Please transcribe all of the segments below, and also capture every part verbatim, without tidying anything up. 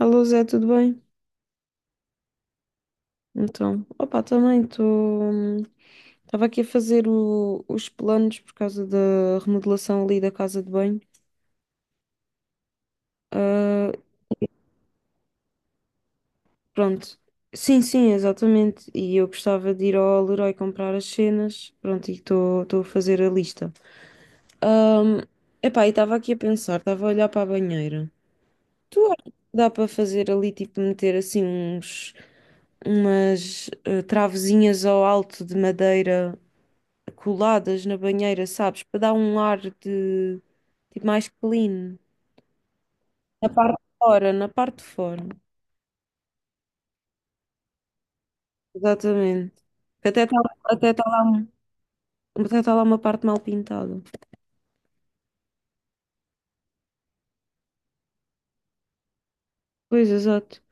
Alô Zé, tudo bem? Então, opa, também estou. Estava aqui a fazer o- os planos por causa da remodelação ali da casa de banho. Ah, pronto. Sim, sim, exatamente. E eu gostava de ir ao Leroy comprar as cenas. Pronto, e estou estou a fazer a lista. Ahm, Epá, e estava aqui a pensar, estava a olhar para a banheira. Tu achas que dá para fazer ali, tipo, meter assim uns, umas eh, travezinhas ao alto de madeira coladas na banheira, sabes? Para dar um ar de, de mais clean. Na parte de fora, na parte de fora. Exatamente. Que Até está até tá lá, um- Até tá lá uma parte mal pintada. Pois, exato.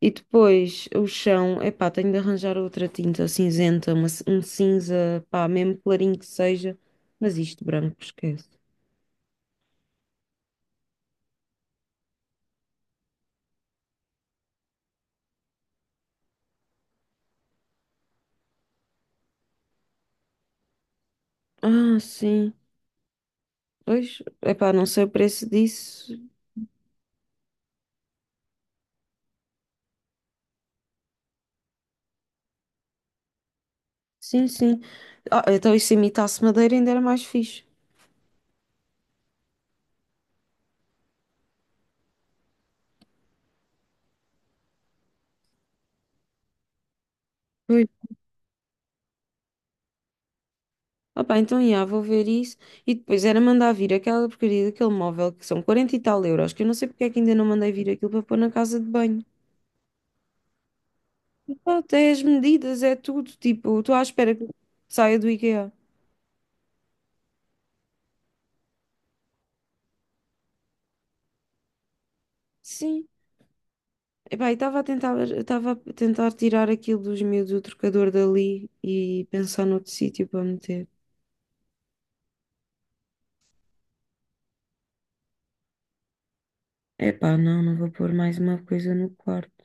E depois o chão, epá, tenho de arranjar outra tinta cinzenta, uma ci- um cinza, pá, mesmo clarinho que seja, mas isto branco, esquece. Ah, sim. Pois, epá, não sei o preço disso. Sim, sim. Ah, então e se imitasse madeira ainda era mais fixe. Pois. Opa, então, já, vou ver isso. E depois era mandar vir aquela porcaria daquele móvel que são quarenta e tal euros, que eu não sei porque é que ainda não mandei vir aquilo para pôr na casa de banho. Pronto, é as medidas, é tudo. Tipo, estou à espera que saia do IKEA. Sim. Epá, e estava a tentar, estava a tentar tirar aquilo dos meus do trocador dali e pensar noutro sítio para meter. Epá, não, não vou pôr mais uma coisa no quarto.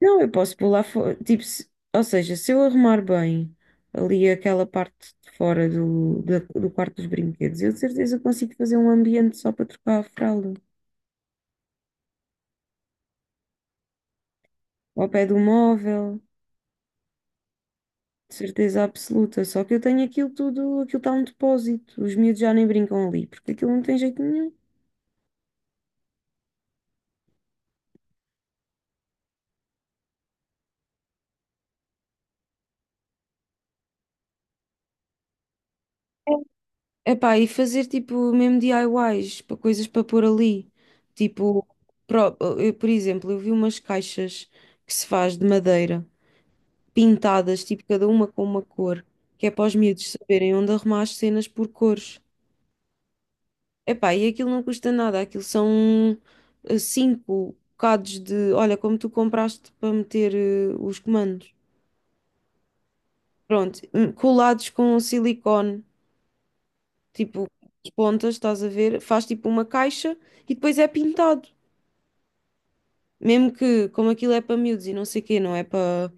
Não, eu posso pular fora. Tipo, se- ou seja, se eu arrumar bem ali aquela parte de fora do, da- do quarto dos brinquedos, eu de certeza consigo fazer um ambiente só para trocar a fralda. Ao pé do móvel, de certeza absoluta. Só que eu tenho aquilo tudo, aquilo está um depósito. Os miúdos já nem brincam ali, porque aquilo não tem jeito nenhum. Epá, e fazer tipo mesmo D I Ys, para coisas para pôr ali. Tipo, pro- eu, por exemplo, eu vi umas caixas que se faz de madeira, pintadas, tipo cada uma com uma cor, que é para os miúdos saberem onde arrumar as cenas por cores. Epá, e aquilo não custa nada, aquilo são eh, cinco bocados de, olha, como tu compraste para meter eh, os comandos. Pronto, hum, colados com silicone, tipo as pontas, estás a ver? Faz tipo uma caixa e depois é pintado. Mesmo que, como aquilo é para miúdos e não sei o quê, não é para,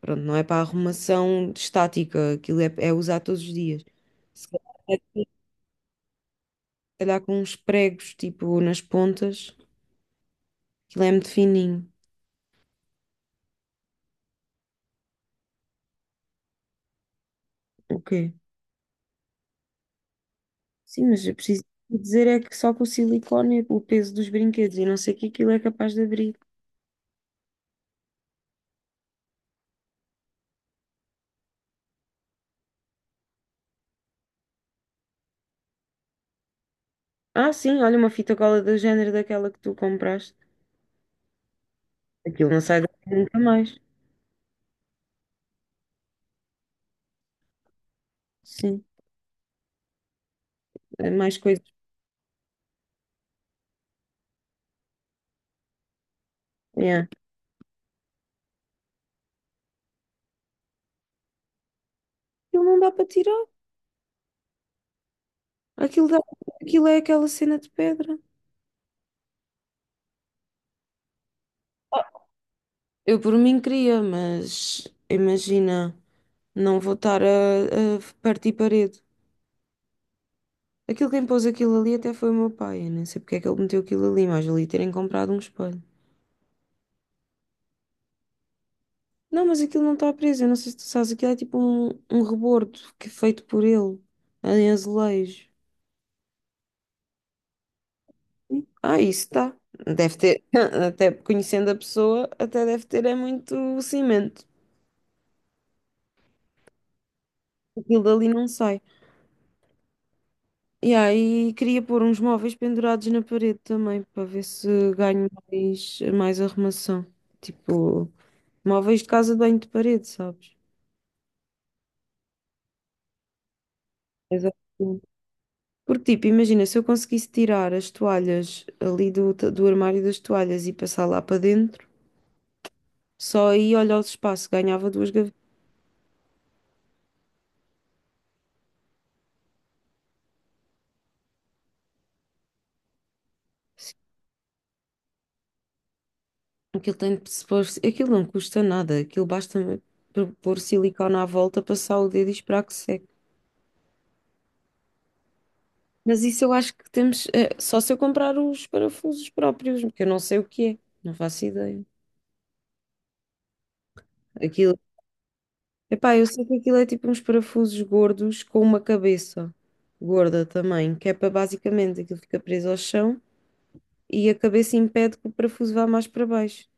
pronto, não é para arrumação estática, aquilo é, é usar todos os dias. Calhar com uns pregos, tipo, nas pontas. Aquilo é muito fininho. O quê? Sim, mas eu preciso dizer é que só com o silicone, o peso dos brinquedos e não sei o que aquilo é capaz de abrir. Ah, sim, olha uma fita cola do género daquela que tu compraste. Aquilo não sai daqui nunca mais. Sim, é mais coisas. Yeah. Aquilo não dá para tirar. Aquilo dá... Aquilo é aquela cena de pedra. Eu por mim queria, mas imagina, não vou estar a, a partir parede. Aquilo quem pôs aquilo ali até foi o meu pai. Eu nem sei porque é que ele meteu aquilo ali, mas ali terem comprado um espelho. Não, mas aquilo não está preso. Eu não sei se tu sabes, aquilo é tipo um, um rebordo que é feito por ele, em azulejo. Ah, isso está. Deve ter, até conhecendo a pessoa, até deve ter é muito cimento. Aquilo dali não sai. E aí queria pôr uns móveis pendurados na parede também, para ver se ganho mais, mais arrumação. Tipo, móveis de casa de banho de parede, sabes? Exato. Porque, tipo, imagina, se eu conseguisse tirar as toalhas ali do, ta- do armário das toalhas e passar lá para dentro, só aí, olha o espaço, ganhava duas gavetas. Aquilo tem de se pôr, aquilo não custa nada, aquilo basta p- pôr silicone à volta, passar o dedo e esperar que seque. Mas isso eu acho que temos, eh, só se eu comprar os parafusos próprios, porque eu não sei o que é, não faço ideia. Aquilo, epá, eu sei que aquilo é tipo uns parafusos gordos com uma cabeça gorda também, que é para basicamente aquilo fica preso ao chão, e a cabeça impede que o parafuso vá mais para baixo.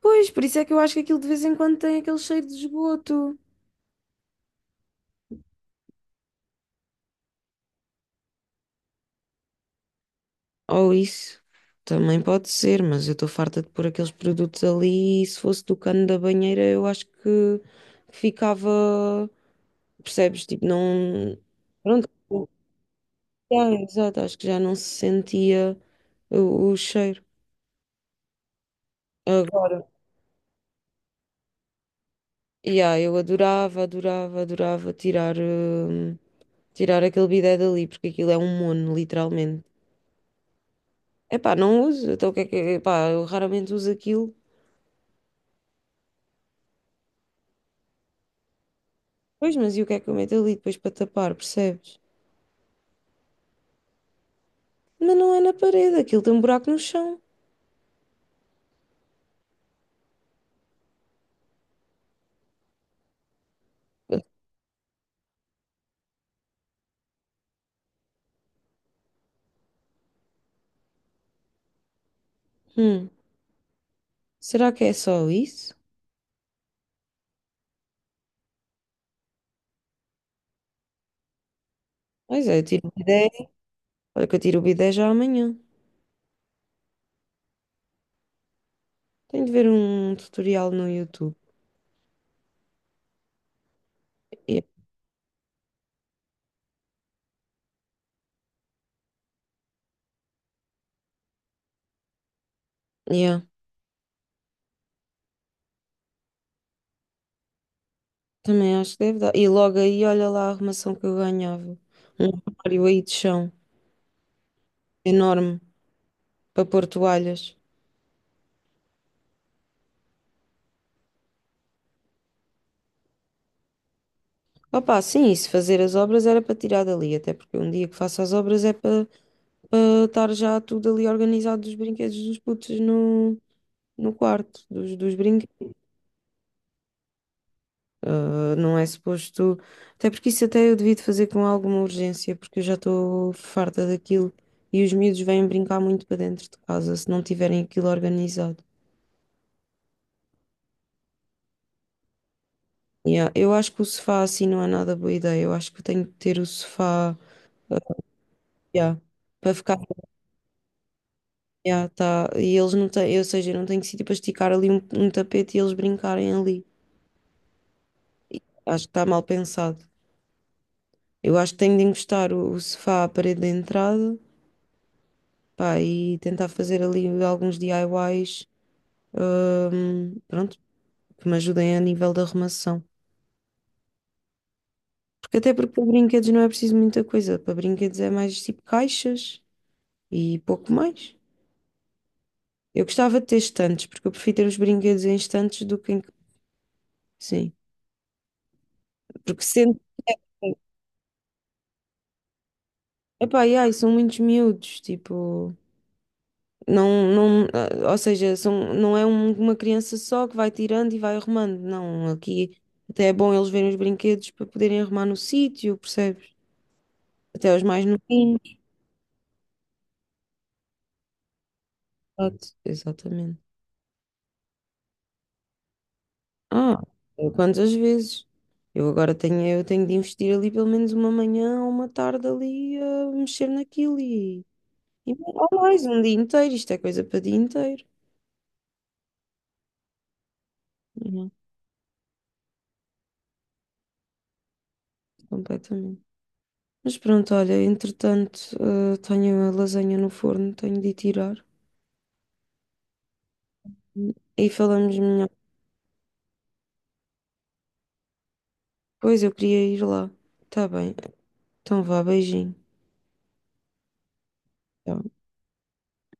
Pois, por isso é que eu acho que aquilo de vez em quando tem aquele cheiro de esgoto. Ou isso. Também pode ser, mas eu estou farta de pôr aqueles produtos ali e se fosse do cano da banheira eu acho que ficava, percebes? Tipo, não. Pronto. É, exato, acho que já não se sentia o, o cheiro. Agora, yeah, eu adorava, adorava, adorava tirar. hum, Tirar aquele bidé dali, porque aquilo é um mono, literalmente. Epá, não uso. Então o que é que. Epá, eu raramente uso aquilo. Pois, mas e o que é que eu meto ali depois para tapar, percebes? Mas não é na parede, aquilo tem um buraco no chão. Hum, Será que é só isso? Pois é, eu tiro o bidé. Olha que eu tiro o bidé já amanhã. Tenho de ver um tutorial no YouTube. Yeah, yeah, também acho que deve dar. E logo aí, olha lá a arrumação que eu ganhava. Um armário aí de chão, enorme, para pôr toalhas. Opa, sim, se fazer as obras era para tirar dali, até porque um dia que faço as obras é para para estar já tudo ali organizado dos brinquedos dos putos no, no quarto, dos, dos brinquedos. Ah, não é suposto. Até porque isso até eu devia de fazer com alguma urgência, porque eu já estou farta daquilo e os miúdos vêm brincar muito para dentro de casa se não tiverem aquilo organizado. Yeah, eu acho que o sofá assim não é nada boa ideia, eu acho que eu tenho que ter o sofá. Ah, yeah. Para ficar yeah, tá. E eles não têm, ou seja, eu não tenho sítio para esticar ali um, um tapete e eles brincarem ali. Acho que está mal pensado. Eu acho que tenho de encostar o, o sofá à parede da entrada, pá, e tentar fazer ali alguns D I Ys, hum, pronto, que me ajudem a nível da arrumação. Porque até porque para brinquedos não é preciso muita coisa. Para brinquedos é mais tipo caixas e pouco mais. Eu gostava de ter estantes, porque eu prefiro ter os brinquedos em estantes do que em... Sim. Porque sendo... Epá, e ai, são muitos miúdos, tipo... Não, não, ah, ou seja, são, não é um- uma criança só que vai tirando e vai arrumando. Não, aqui até é bom eles verem os brinquedos para poderem arrumar no sítio, percebes? Até os mais novinhos. Exato, exatamente. Ah, eu quantas vezes? Eu agora tenho, eu tenho de investir ali pelo menos uma manhã ou uma tarde ali a mexer naquilo e, e ou mais um dia inteiro. Isto é coisa para dia inteiro. Não, completamente. Mas pronto, olha, entretanto, eh, tenho a lasanha no forno, tenho de ir tirar. E falamos melhor. Pois eu queria ir lá. Tá bem. Então vá, beijinho. Tchau.